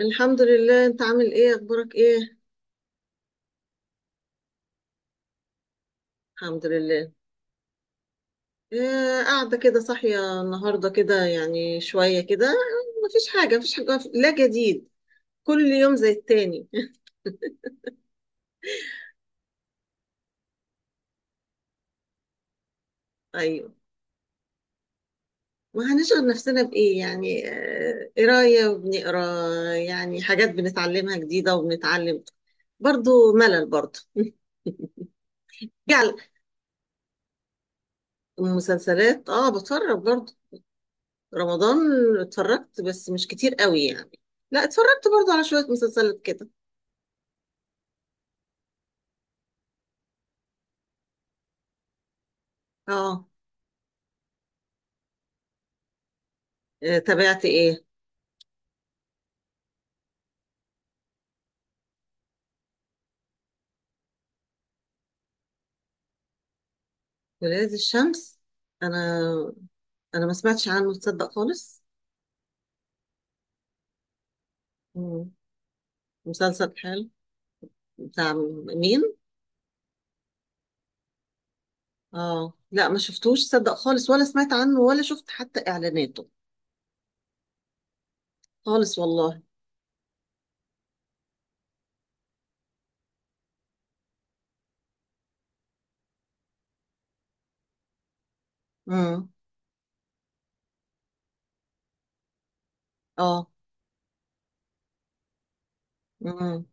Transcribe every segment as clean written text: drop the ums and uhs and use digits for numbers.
الحمد لله. انت عامل ايه؟ اخبارك ايه؟ الحمد لله. إيه، قاعده كده صاحيه النهارده كده يعني شويه كده، مفيش حاجه، لا جديد. كل يوم زي التاني. ايوه. وهنشغل نفسنا بايه يعني؟ قرايه، وبنقرا يعني حاجات بنتعلمها جديده، وبنتعلم برضو. ملل برضو. جعل. مسلسلات، اه، بتفرج برضو. رمضان. اتفرجت بس مش كتير قوي يعني. لا، اتفرجت برضو على شويه مسلسلات كده. اه. تابعت ايه؟ ولاد الشمس. انا انا ما سمعتش عنه تصدق، خالص. مم. مسلسل حلو. بتاع مين؟ اه، لا، ما شفتوش تصدق، خالص، ولا سمعت عنه، ولا شفت حتى اعلاناته. خالص والله. امم. اه. امم.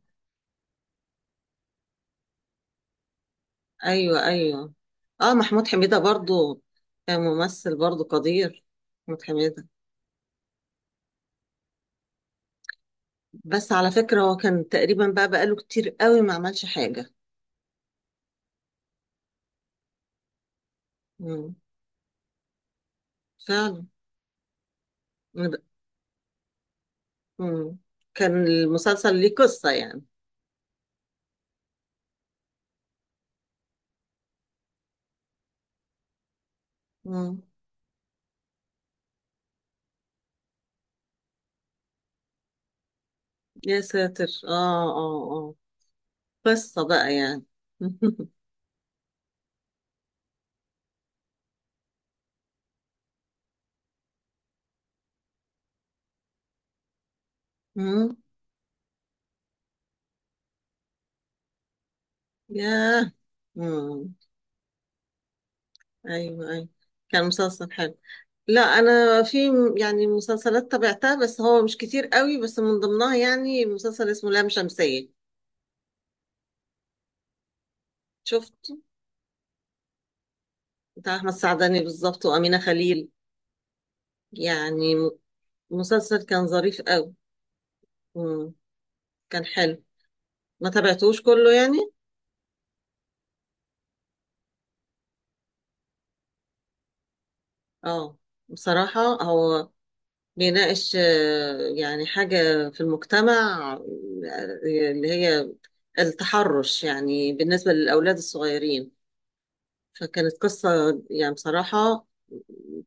ايوه، ايوه. اه، محمود حميدة برضو كان ممثل برضو قدير، محمود حميدة. بس على فكرة هو كان تقريبا بقى بقاله كتير قوي ما عملش حاجة. امم. فعلا. مم. كان المسلسل ليه قصة يعني؟ مم. يا ساتر، اه، اه، اه. قصة بقى يعني. مم. ياه. مم. ايوه، ايوه. كان مسلسل حلو. لا، انا في يعني مسلسلات تابعتها بس هو مش كتير قوي، بس من ضمنها يعني مسلسل اسمه لام شمسية. شفت. بتاع احمد سعداني بالظبط، وامينة خليل. يعني م- مسلسل كان ظريف قوي. مم. كان حلو. ما تابعتوش كله يعني. اه. بصراحة هو بيناقش يعني حاجة في المجتمع، اللي هي التحرش يعني، بالنسبة للأولاد الصغيرين. فكانت قصة يعني بصراحة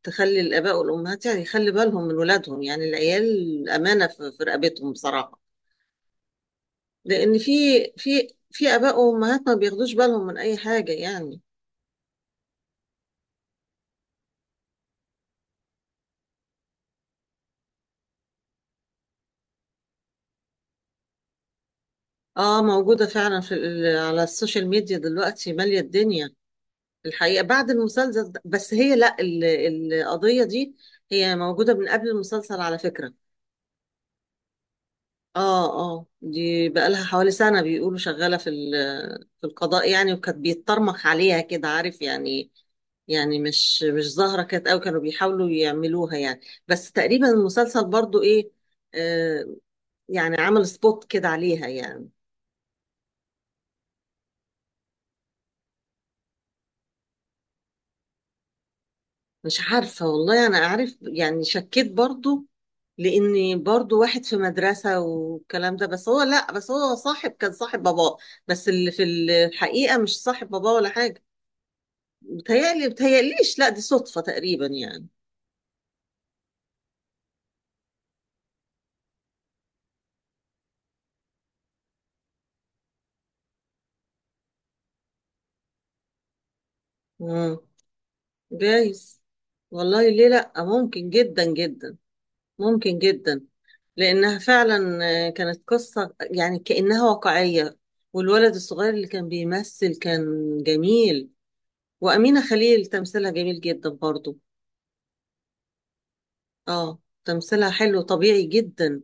تخلي الآباء والأمهات يعني، يخلي بالهم من ولادهم. يعني العيال أمانة في رقبتهم بصراحة. لأن في، في آباء وأمهات ما بياخدوش بالهم من أي حاجة يعني. اه، موجودة فعلا في على السوشيال ميديا دلوقتي، مالية الدنيا. الحقيقة بعد المسلسل ده، بس هي لا، القضية دي هي موجودة من قبل المسلسل على فكرة. اه، اه، دي بقالها حوالي سنة بيقولوا شغالة في في القضاء يعني، وكانت بيتطرمخ عليها كده عارف يعني. يعني مش ظاهرة كانت قوي، كانوا بيحاولوا يعملوها يعني. بس تقريبا المسلسل برضو ايه، آه يعني عمل سبوت كده عليها يعني. مش عارفة، والله أنا أعرف يعني، شكيت برضو، لأني برضو واحد في مدرسة والكلام ده، بس هو لأ، بس هو صاحب، كان صاحب باباه، بس اللي في الحقيقة مش صاحب باباه ولا حاجة. بتهيأليش لأ، دي صدفة تقريبا يعني. مم. جايز، والله ليه لأ، ممكن جدا جدا، ممكن جدا. لأنها فعلا كانت قصة يعني، كأنها واقعية. والولد الصغير اللي كان بيمثل كان جميل. وأمينة خليل تمثيلها جميل جدا برضو. اه، تمثيلها حلو، طبيعي جدا.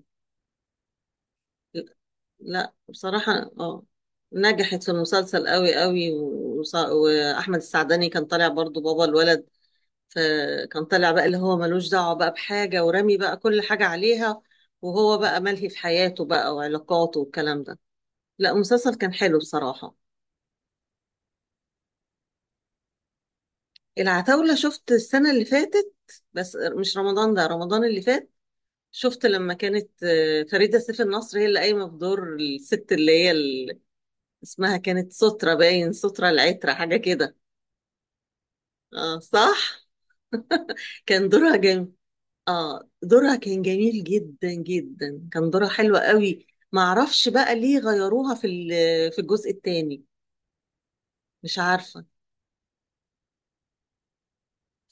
لا بصراحة، اه، نجحت في المسلسل قوي قوي. وأحمد السعداني كان طالع برضو بابا الولد. فكان طالع بقى اللي هو ملوش دعوة بقى بحاجة، ورامي بقى كل حاجة عليها. وهو بقى ملهي في حياته بقى، وعلاقاته، والكلام ده. لا، المسلسل كان حلو بصراحة. العتاولة؟ شفت السنة اللي فاتت، بس مش رمضان ده، رمضان اللي فات. شفت لما كانت فريدة سيف النصر هي اللي قايمة بدور الست اللي هي اسمها كانت سترة، باين سترة العترة، حاجة كده. اه، صح. كان دورها جميل. اه، دورها كان جميل جدا جدا، كان دورها حلو قوي. معرفش بقى ليه غيروها في في الجزء الثاني. مش عارفة.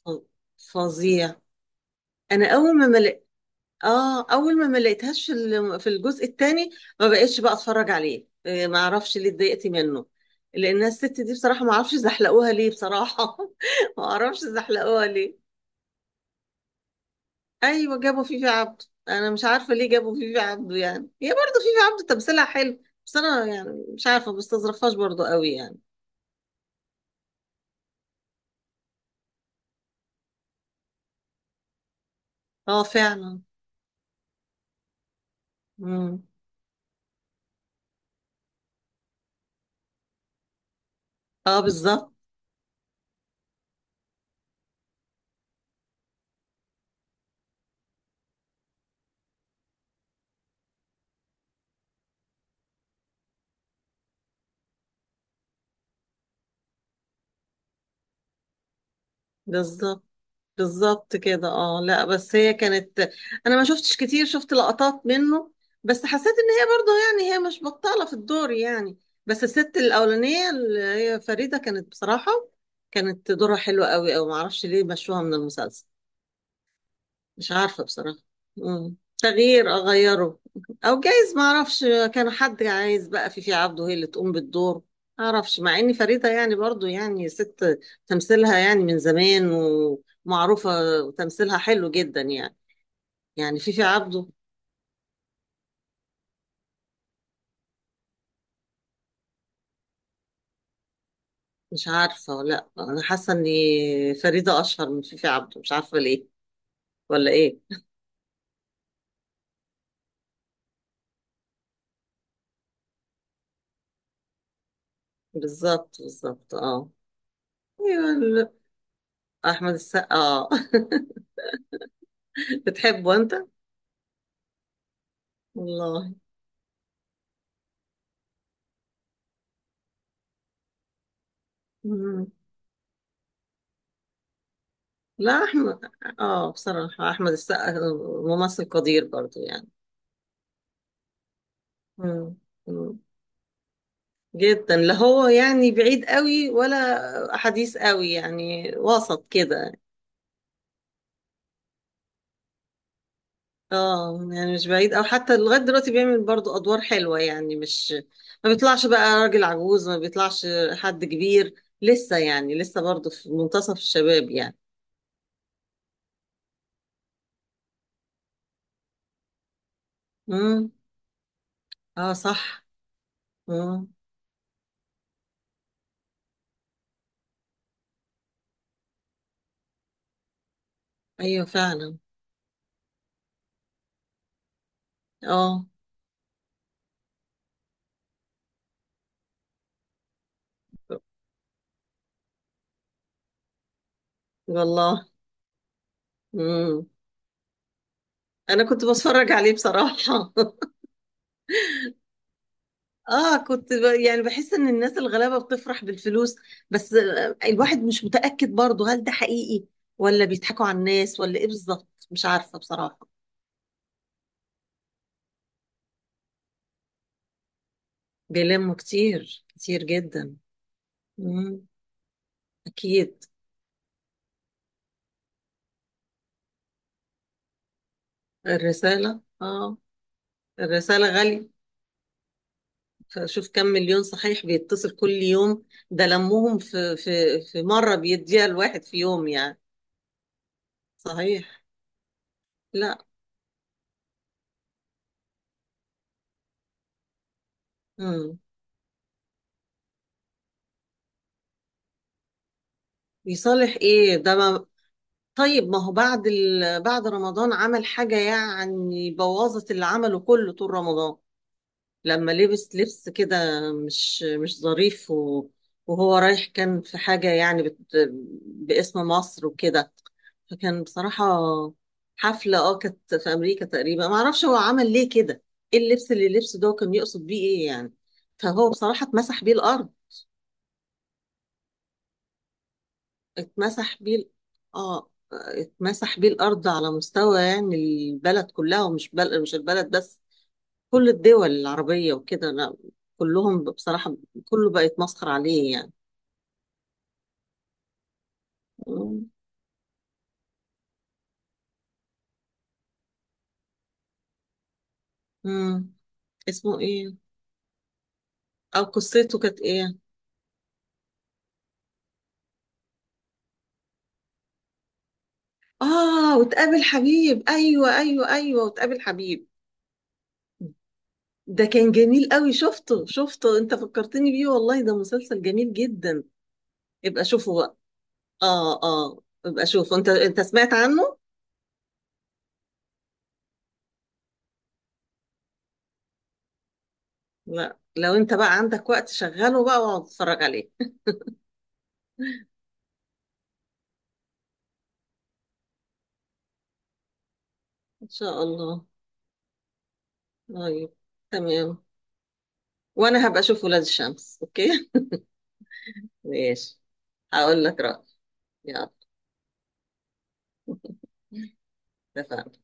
ف- فظيع. انا اول ما، اه، اول ما لقيتهاش في في الجزء الثاني، ما بقتش بقى اتفرج عليه. ما اعرفش ليه اتضايقت منه. لان الست دي بصراحه ما اعرفش زحلقوها ليه بصراحه. ما اعرفش زحلقوها ليه. ايوه، جابوا فيفي عبده. انا مش عارفه ليه جابوا فيفي عبده يعني. هي برضه فيفي عبده تمثيلها حلو، بس انا يعني مش عارفه، ما بستظرفهاش برضه قوي يعني. اه، فعلا. امم. اه. بالظبط. بالظبط، بالظبط كده. اه، لا، بس هي كانت، انا ما شفتش كتير، شفت لقطات منه، بس حسيت ان هي برضه يعني، هي مش بطالة في الدور يعني. بس الست الاولانية اللي هي فريدة كانت بصراحة، كانت دورها حلو قوي. او ما اعرفش ليه مشوها من المسلسل، مش عارفة بصراحة. مم. تغيير، أغيره. أو جايز ما أعرفش، كان حد عايز بقى في في عبده هي اللي تقوم بالدور. ما أعرفش، مع إن فريدة يعني برضو يعني ست تمثيلها يعني من زمان، ومعروفة، وتمثيلها حلو جدا يعني. يعني في في عبده، مش عارفة، ولا أنا حاسة إن فريدة أشهر من في في عبده، مش عارفة ليه ولا إيه. بالظبط، بالظبط، أه. أيوة، أحمد السقا، أه. بتحبه أنت؟ والله. مم. لا، احمد، اه، بصراحة احمد السقا ممثل قدير برضو يعني. مم. مم. جدا. لا هو يعني بعيد قوي ولا حديث قوي يعني، وسط كده. اه، يعني مش بعيد، او حتى لغاية دلوقتي بيعمل برضو ادوار حلوة يعني، مش ما بيطلعش بقى راجل عجوز، ما بيطلعش حد كبير لسه يعني، لسه برضو في منتصف الشباب يعني. مم. اه، صح. مم. ايوه، فعلا. اه، والله. مم. انا كنت بتفرج عليه بصراحة. اه، كنت يعني بحس ان الناس الغلابة بتفرح بالفلوس. بس الواحد مش متأكد برضه، هل ده حقيقي، ولا بيضحكوا على الناس، ولا ايه بالظبط، مش عارفة بصراحة. بيلموا كتير كتير جدا. مم. اكيد. الرسالة، اه. الرسالة غالية. فشوف كم مليون صحيح بيتصل كل يوم. ده لمهم في، في مرة بيديها الواحد في يوم يعني. صحيح. لا. مم. يصالح ايه ده؟ ما طيب، ما هو بعد بعد رمضان عمل حاجة يعني بوظت اللي عمله كله طول رمضان. لما لبس كده، مش ظريف، و... وهو رايح كان في حاجة يعني باسم مصر وكده. فكان بصراحة، حفلة، اه، كانت في أمريكا تقريبا. ما اعرفش هو عمل ليه كده، ايه اللبس اللي لبسه ده، وكان يقصد بيه ايه يعني. فهو بصراحة اتمسح بيه الأرض. اتمسح بيه اه، اتمسح بيه الارض على مستوى يعني البلد كلها، ومش مش البلد بس، كل الدول العربية وكده. لا، كلهم بصراحة، كله بقى يتمسخر عليه يعني. امم. اسمه ايه؟ او قصته كانت ايه؟ اه، وتقابل حبيب. ايوه، ايوه، ايوه، وتقابل حبيب. ده كان جميل قوي. شفته، شفته، انت فكرتني بيه والله، ده مسلسل جميل جدا. ابقى شوفه بقى. اه، اه، ابقى شوفه، انت سمعت عنه. لا، لو انت بقى عندك وقت شغله بقى، واقعد اتفرج عليه. ان شاء الله. طيب، تمام. وانا هبقى اشوف ولاد الشمس، اوكي. ماشي. هقول لك رأيي. يلا. اتفقنا.